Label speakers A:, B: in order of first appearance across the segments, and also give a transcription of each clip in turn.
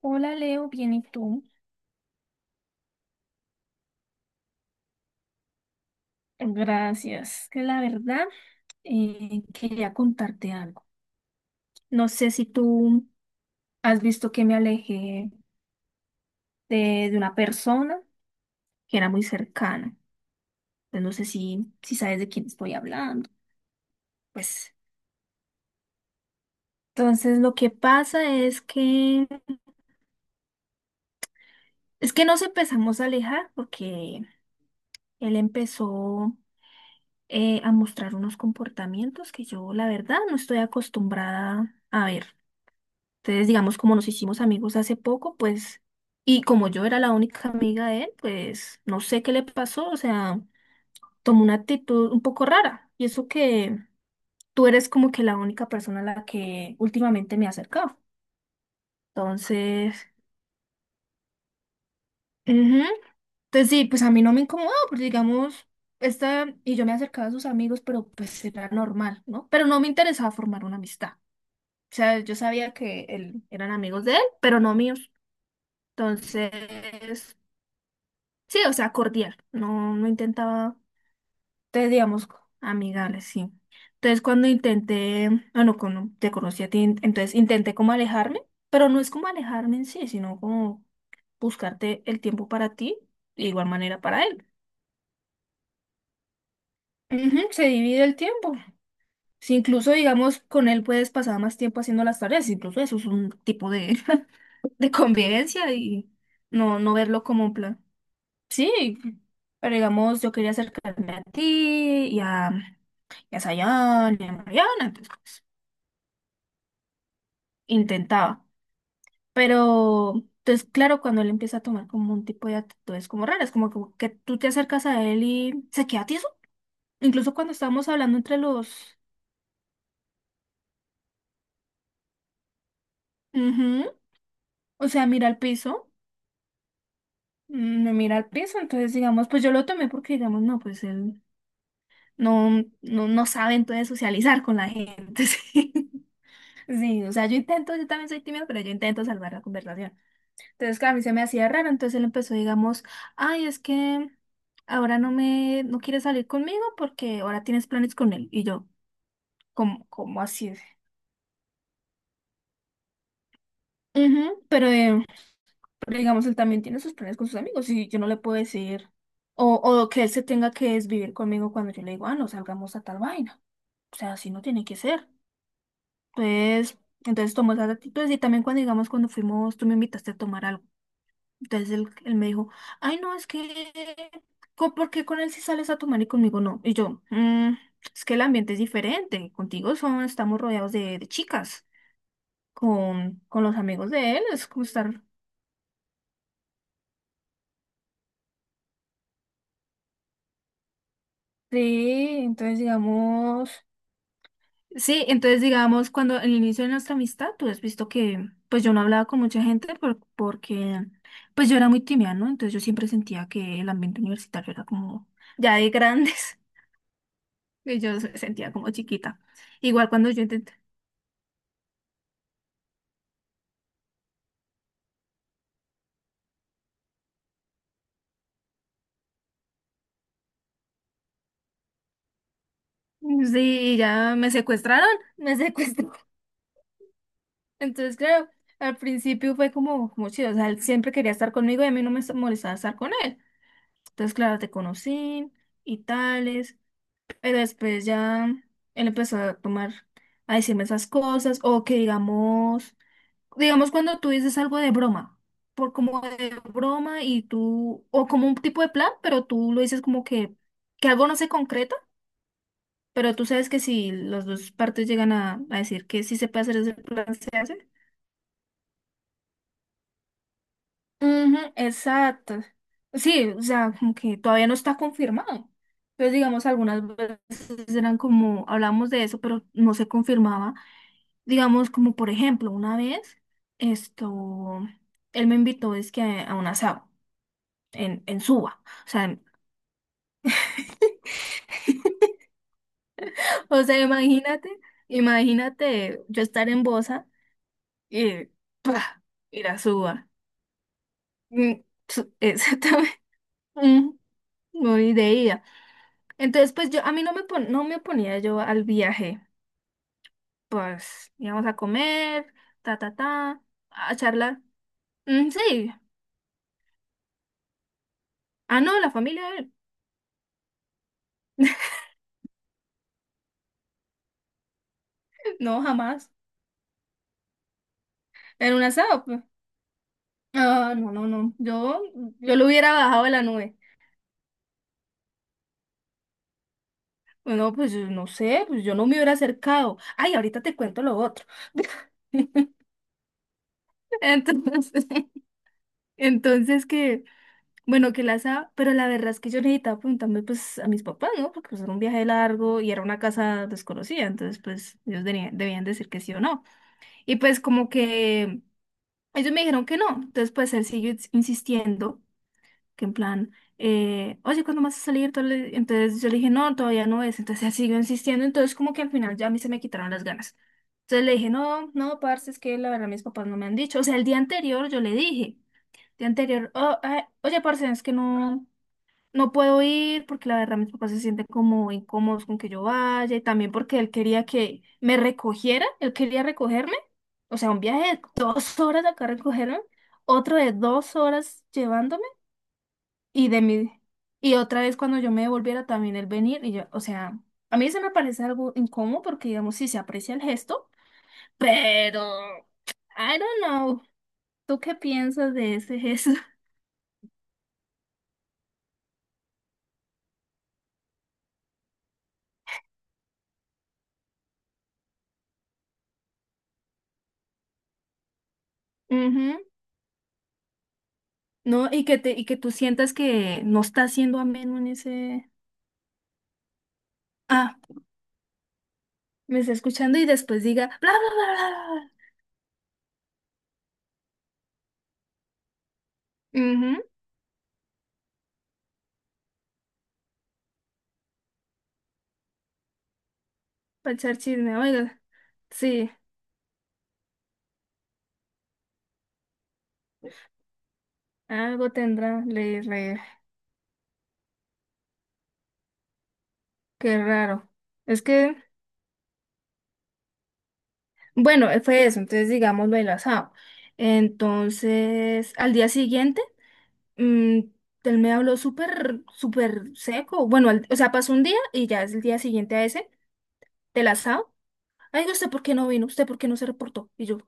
A: Hola Leo, bien y tú. Gracias. Que la verdad, quería contarte algo. No sé si tú has visto que me alejé de una persona que era muy cercana. Pues no sé si sabes de quién estoy hablando. Pues entonces lo que pasa es que nos empezamos a alejar porque él empezó a mostrar unos comportamientos que yo la verdad no estoy acostumbrada a ver. Entonces, digamos, como nos hicimos amigos hace poco, pues, y como yo era la única amiga de él, pues, no sé qué le pasó, o sea, tomó una actitud un poco rara. Y eso que tú eres como que la única persona a la que últimamente me he acercado. Entonces, ujú. Entonces sí, pues a mí no me incomodó, porque digamos, y yo me acercaba a sus amigos, pero pues era normal, ¿no? Pero no me interesaba formar una amistad. O sea, yo sabía que él, eran amigos de él, pero no míos. Entonces, sí, o sea, cordial. No, no intentaba, te digamos, amigable, sí. Entonces, cuando intenté, bueno, cuando te conocí a ti, entonces intenté como alejarme, pero no es como alejarme en sí, sino como buscarte el tiempo para ti, de igual manera para él. Ujú, se divide el tiempo. Si incluso, digamos, con él puedes pasar más tiempo haciendo las tareas, incluso eso es un tipo de, de convivencia y no, no verlo como un plan. Sí, pero digamos, yo quería acercarme a ti y a Sayan y a Mariana, entonces pues, intentaba. Pero, entonces, claro, cuando él empieza a tomar como un tipo de actitudes como raras, como que tú te acercas a él y se queda tieso. Incluso cuando estábamos hablando entre los... Ujú. O sea, mira al piso, me mira al piso, entonces digamos, pues yo lo tomé porque digamos, no, pues él no sabe entonces socializar con la gente, sí. Sí, o sea, yo intento, yo también soy tímida, pero yo intento salvar la conversación. Entonces, claro, a mí se me hacía raro, entonces él empezó, digamos, ay, es que ahora no quieres salir conmigo porque ahora tienes planes con él. Y yo, ¿cómo así? Ujú, pero digamos, él también tiene sus planes con sus amigos y yo no le puedo decir, o que él se tenga que desvivir conmigo cuando yo le digo, ah, no salgamos a tal vaina. O sea, así no tiene que ser. Pues, entonces tomó esas actitudes y también cuando, digamos, cuando fuimos, tú me invitaste a tomar algo. Entonces él me dijo, ay, no, es que, ¿por qué con él sí sales a tomar y conmigo no? Y yo, mm, es que el ambiente es diferente, contigo son, estamos rodeados de chicas, con los amigos de él es como estar... Sí, entonces digamos... cuando en el inicio de nuestra amistad, tú has visto que, pues yo no hablaba con mucha gente porque pues yo era muy tímida, ¿no? Entonces yo siempre sentía que el ambiente universitario era como ya de grandes. Y yo sentía como chiquita. Igual cuando yo intenté. Mm, sí, ya me secuestraron, me secuestraron. Entonces, claro, al principio fue como, como chido. O sea, él siempre quería estar conmigo y a mí no me molestaba estar con él. Entonces, claro, te conocí y tales. Pero después ya él empezó a tomar, a decirme esas cosas. O que digamos cuando tú dices algo de broma. Por como de broma y tú, o como un tipo de plan, pero tú lo dices como que algo no se concreta. Pero tú sabes que si las dos partes llegan a decir que sí se puede hacer ese plan, se hace. Ujú, exacto. Sí, o sea, como que todavía no está confirmado. Entonces, digamos, algunas veces eran como, hablamos de eso, pero no se confirmaba. Digamos, como por ejemplo, una vez, esto, él me invitó, es que un asado en Suba. O sea, en- o sea, imagínate, imagínate yo estar en Bosa y ¡pah! Ir a Suba. Mm. Exactamente. Mm, Muy de ida. Entonces, pues yo, a mí no me oponía yo al viaje. Pues íbamos a comer, ta, ta, ta, a charlar. Mm, sí. Ah, no, la familia de él. No, jamás. En un asado, pues. Ah, no, no, no. Yo lo hubiera bajado de la nube. Bueno, pues yo no sé, pues yo no me hubiera acercado. Ay, ahorita te cuento lo otro. Entonces, entonces que. Bueno, que las ha pero la verdad es que yo necesitaba preguntarme pues a mis papás, ¿no? Porque pues era un viaje largo y era una casa desconocida, entonces pues ellos debían decir que sí o no. Y pues como que ellos me dijeron que no, entonces pues él siguió insistiendo, que en plan, oye, ¿cuándo vas a salir? Tal- Entonces yo le dije, no, todavía no es, entonces él siguió insistiendo, entonces como que al final ya a mí se me quitaron las ganas. Entonces le dije, no, no, parce, es que la verdad mis papás no me han dicho, o sea, el día anterior yo le dije, el día anterior, oh, ah, oye, parce, es que no. No puedo ir porque la verdad mis papás se sienten como incómodos con que yo vaya y también porque él quería que me recogiera, él quería recogerme, o sea, un viaje de dos horas acá a recogerme, otro de dos horas llevándome y de mi, y otra vez cuando yo me devolviera también él venir y yo, o sea, a mí se me parece algo incómodo porque digamos sí se aprecia el gesto, pero I don't know, ¿tú qué piensas de ese gesto? No, y que tú sientas que no está siendo ameno en ese. Ah, me está escuchando y después diga bla bla bla bla. Mhm, para echar chisme, oiga. Sí, algo tendrá, le re. Qué raro. Es que, bueno, fue eso, entonces digamos lo del asado. Entonces, al día siguiente, mm, él me habló súper, súper seco. Bueno, al- o sea, pasó un día y ya es el día siguiente a ese del asado. Ay, no, ¿usted por qué no vino? ¿Usted por qué no se reportó? Y yo,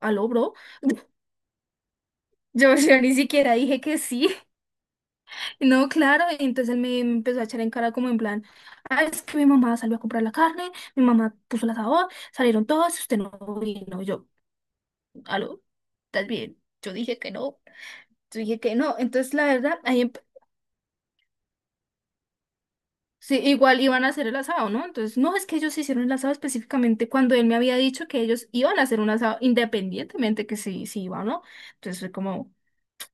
A: ¿aló, bro? Yo ni siquiera dije que sí. No, claro. Y entonces él me, me empezó a echar en cara como en plan, ah, es que mi mamá salió a comprar la carne, mi mamá puso el asador, salieron todos, y usted no vino. Y yo, ¿aló? ¿Estás bien? Yo dije que no. Yo dije que no. Entonces, la verdad, ahí sí, igual iban a hacer el asado, ¿no? Entonces, no, es que ellos hicieron el asado específicamente cuando él me había dicho que ellos iban a hacer un asado independientemente que si, si iba o no. Entonces, fue como...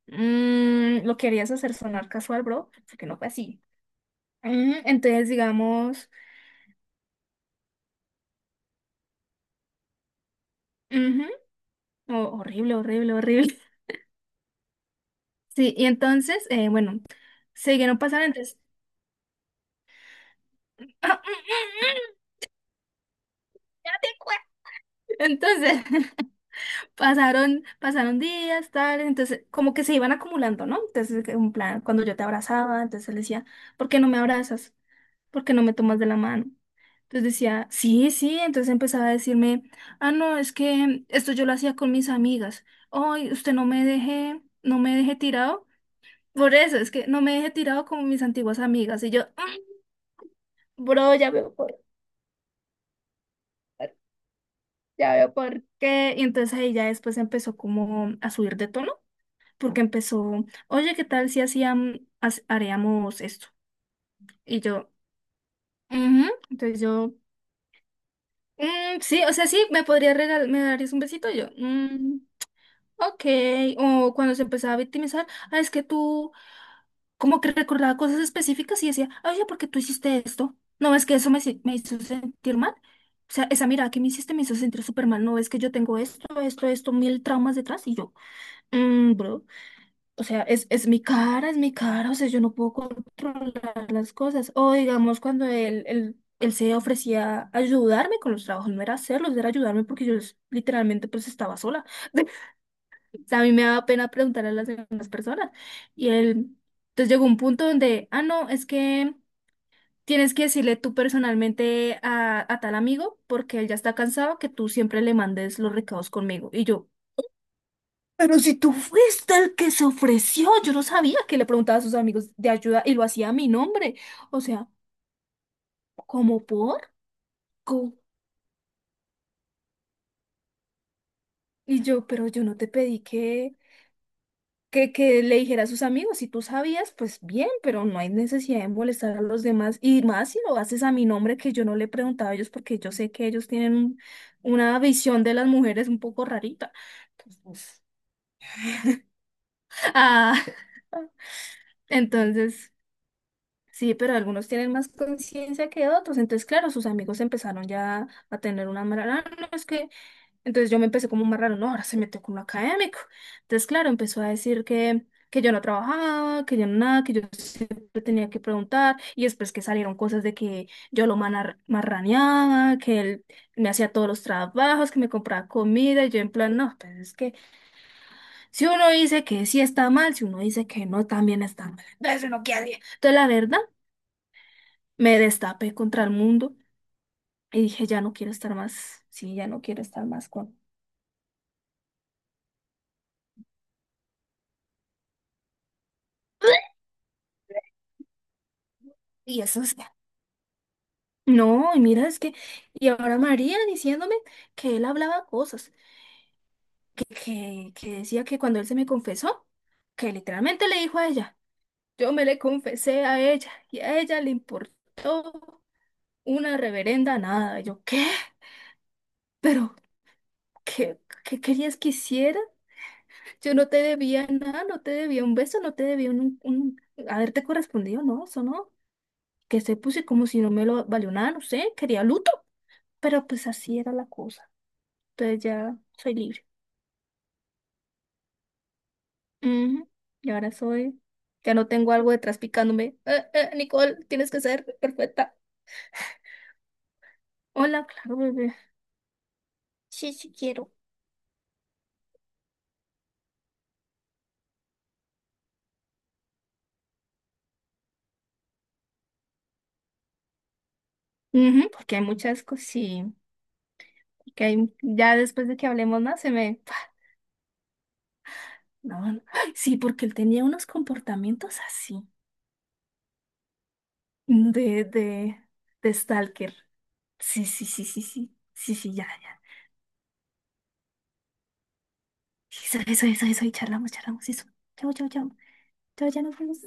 A: Lo querías hacer sonar casual, bro, porque no fue así. Entonces, digamos, ujú, oh, horrible, horrible, horrible. Sí, y entonces, bueno, siguieron pasando, entonces, ya te cuento. Entonces, pasaron, pasaron días, tal, entonces, como que se iban acumulando, ¿no? Entonces, que un plan, cuando yo te abrazaba, entonces él decía, ¿por qué no me abrazas? ¿Por qué no me tomas de la mano? Entonces decía, sí, sí, entonces empezaba a decirme, ah, no, es que esto yo lo hacía con mis amigas. Ay, usted no me deje, no me deje tirado. Por eso, es que no me deje tirado como mis antiguas amigas. Y yo, mm, bro, ya veo por qué. Y entonces ahí ya después empezó como a subir de tono, porque empezó, oye, ¿qué tal si hacíamos, haríamos esto? Y yo, ujú. Entonces yo mm, sí, o sea, sí, me podría regalar, me darías un besito yo. Mm, ok. O cuando se empezaba a victimizar, ah, es que tú como que recordaba cosas específicas y decía, oye, ¿por qué tú hiciste esto? No, es que eso me, si- me hizo sentir mal. O sea, esa mirada que me hiciste me hizo sentir súper mal. No, es que yo tengo esto, esto, esto, mil traumas detrás y yo, mm, bro. O sea, es mi cara, o sea, yo no puedo controlar las cosas. O digamos, cuando él se ofrecía a ayudarme con los trabajos, no era hacerlos, era ayudarme porque yo literalmente pues estaba sola. O sea, a mí me daba pena preguntar a las demás personas. Y él, entonces llegó un punto donde, ah, no, es que tienes que decirle tú personalmente a tal amigo porque él ya está cansado que tú siempre le mandes los recados conmigo. Y yo, pero si tú fuiste el que se ofreció, yo no sabía que le preguntaba a sus amigos de ayuda y lo hacía a mi nombre. O sea, ¿cómo por? ¿Cómo? Y yo, pero yo no te pedí que le dijera a sus amigos. Si tú sabías, pues bien, pero no hay necesidad de molestar a los demás. Y más si lo haces a mi nombre, que yo no le preguntaba a ellos, porque yo sé que ellos tienen una visión de las mujeres un poco rarita. Entonces, ah, entonces. Sí, pero algunos tienen más conciencia que otros. Entonces, claro, sus amigos empezaron ya a tener una mala. Ah, no, es que. Entonces yo me empecé como más raro, no, ahora se metió con lo académico. Entonces, claro, empezó a decir que yo no trabajaba, que yo no nada, que yo siempre tenía que preguntar. Y después que salieron cosas de que yo lo marraneaba, que él me hacía todos los trabajos, que me compraba comida. Y yo, en plan, no, pues es que si uno dice que sí está mal, si uno dice que no, también está mal. Entonces, uno qué hace. Entonces, la verdad. Me destapé contra el mundo y dije, ya no quiero estar más, sí, ya no quiero estar más con... Y eso es... No, y mira, es que... Y ahora María diciéndome que él hablaba cosas, que decía que cuando él se me confesó, que literalmente le dijo a ella, yo me le confesé a ella y a ella le importó una reverenda nada. Y yo, ¿qué? ¿Pero qué, qué querías que hiciera? Yo no te debía nada, no te debía un beso, no te debía un haberte correspondido, no, eso no. Que se puse como si no me lo valió nada, no sé, quería luto, pero pues así era la cosa. Entonces ya soy libre. Ujú, y ahora soy, ya no tengo algo detrás picándome. Eh, Nicole, tienes que ser perfecta. Hola, claro, bebé. Sí, sí quiero. Ujú, porque hay muchas cosas, sí. Que hay, ya después de que hablemos más, se me... No, no. Ay, sí, porque él tenía unos comportamientos así. De, de, de Stalker. Sí, sí, sí, sí, sí. Sí, sí, ya, ya. Sí, eso, eso, eso, eso. Y charlamos, charlamos, eso. Chao, chao, chao. Chao, ya nos vemos.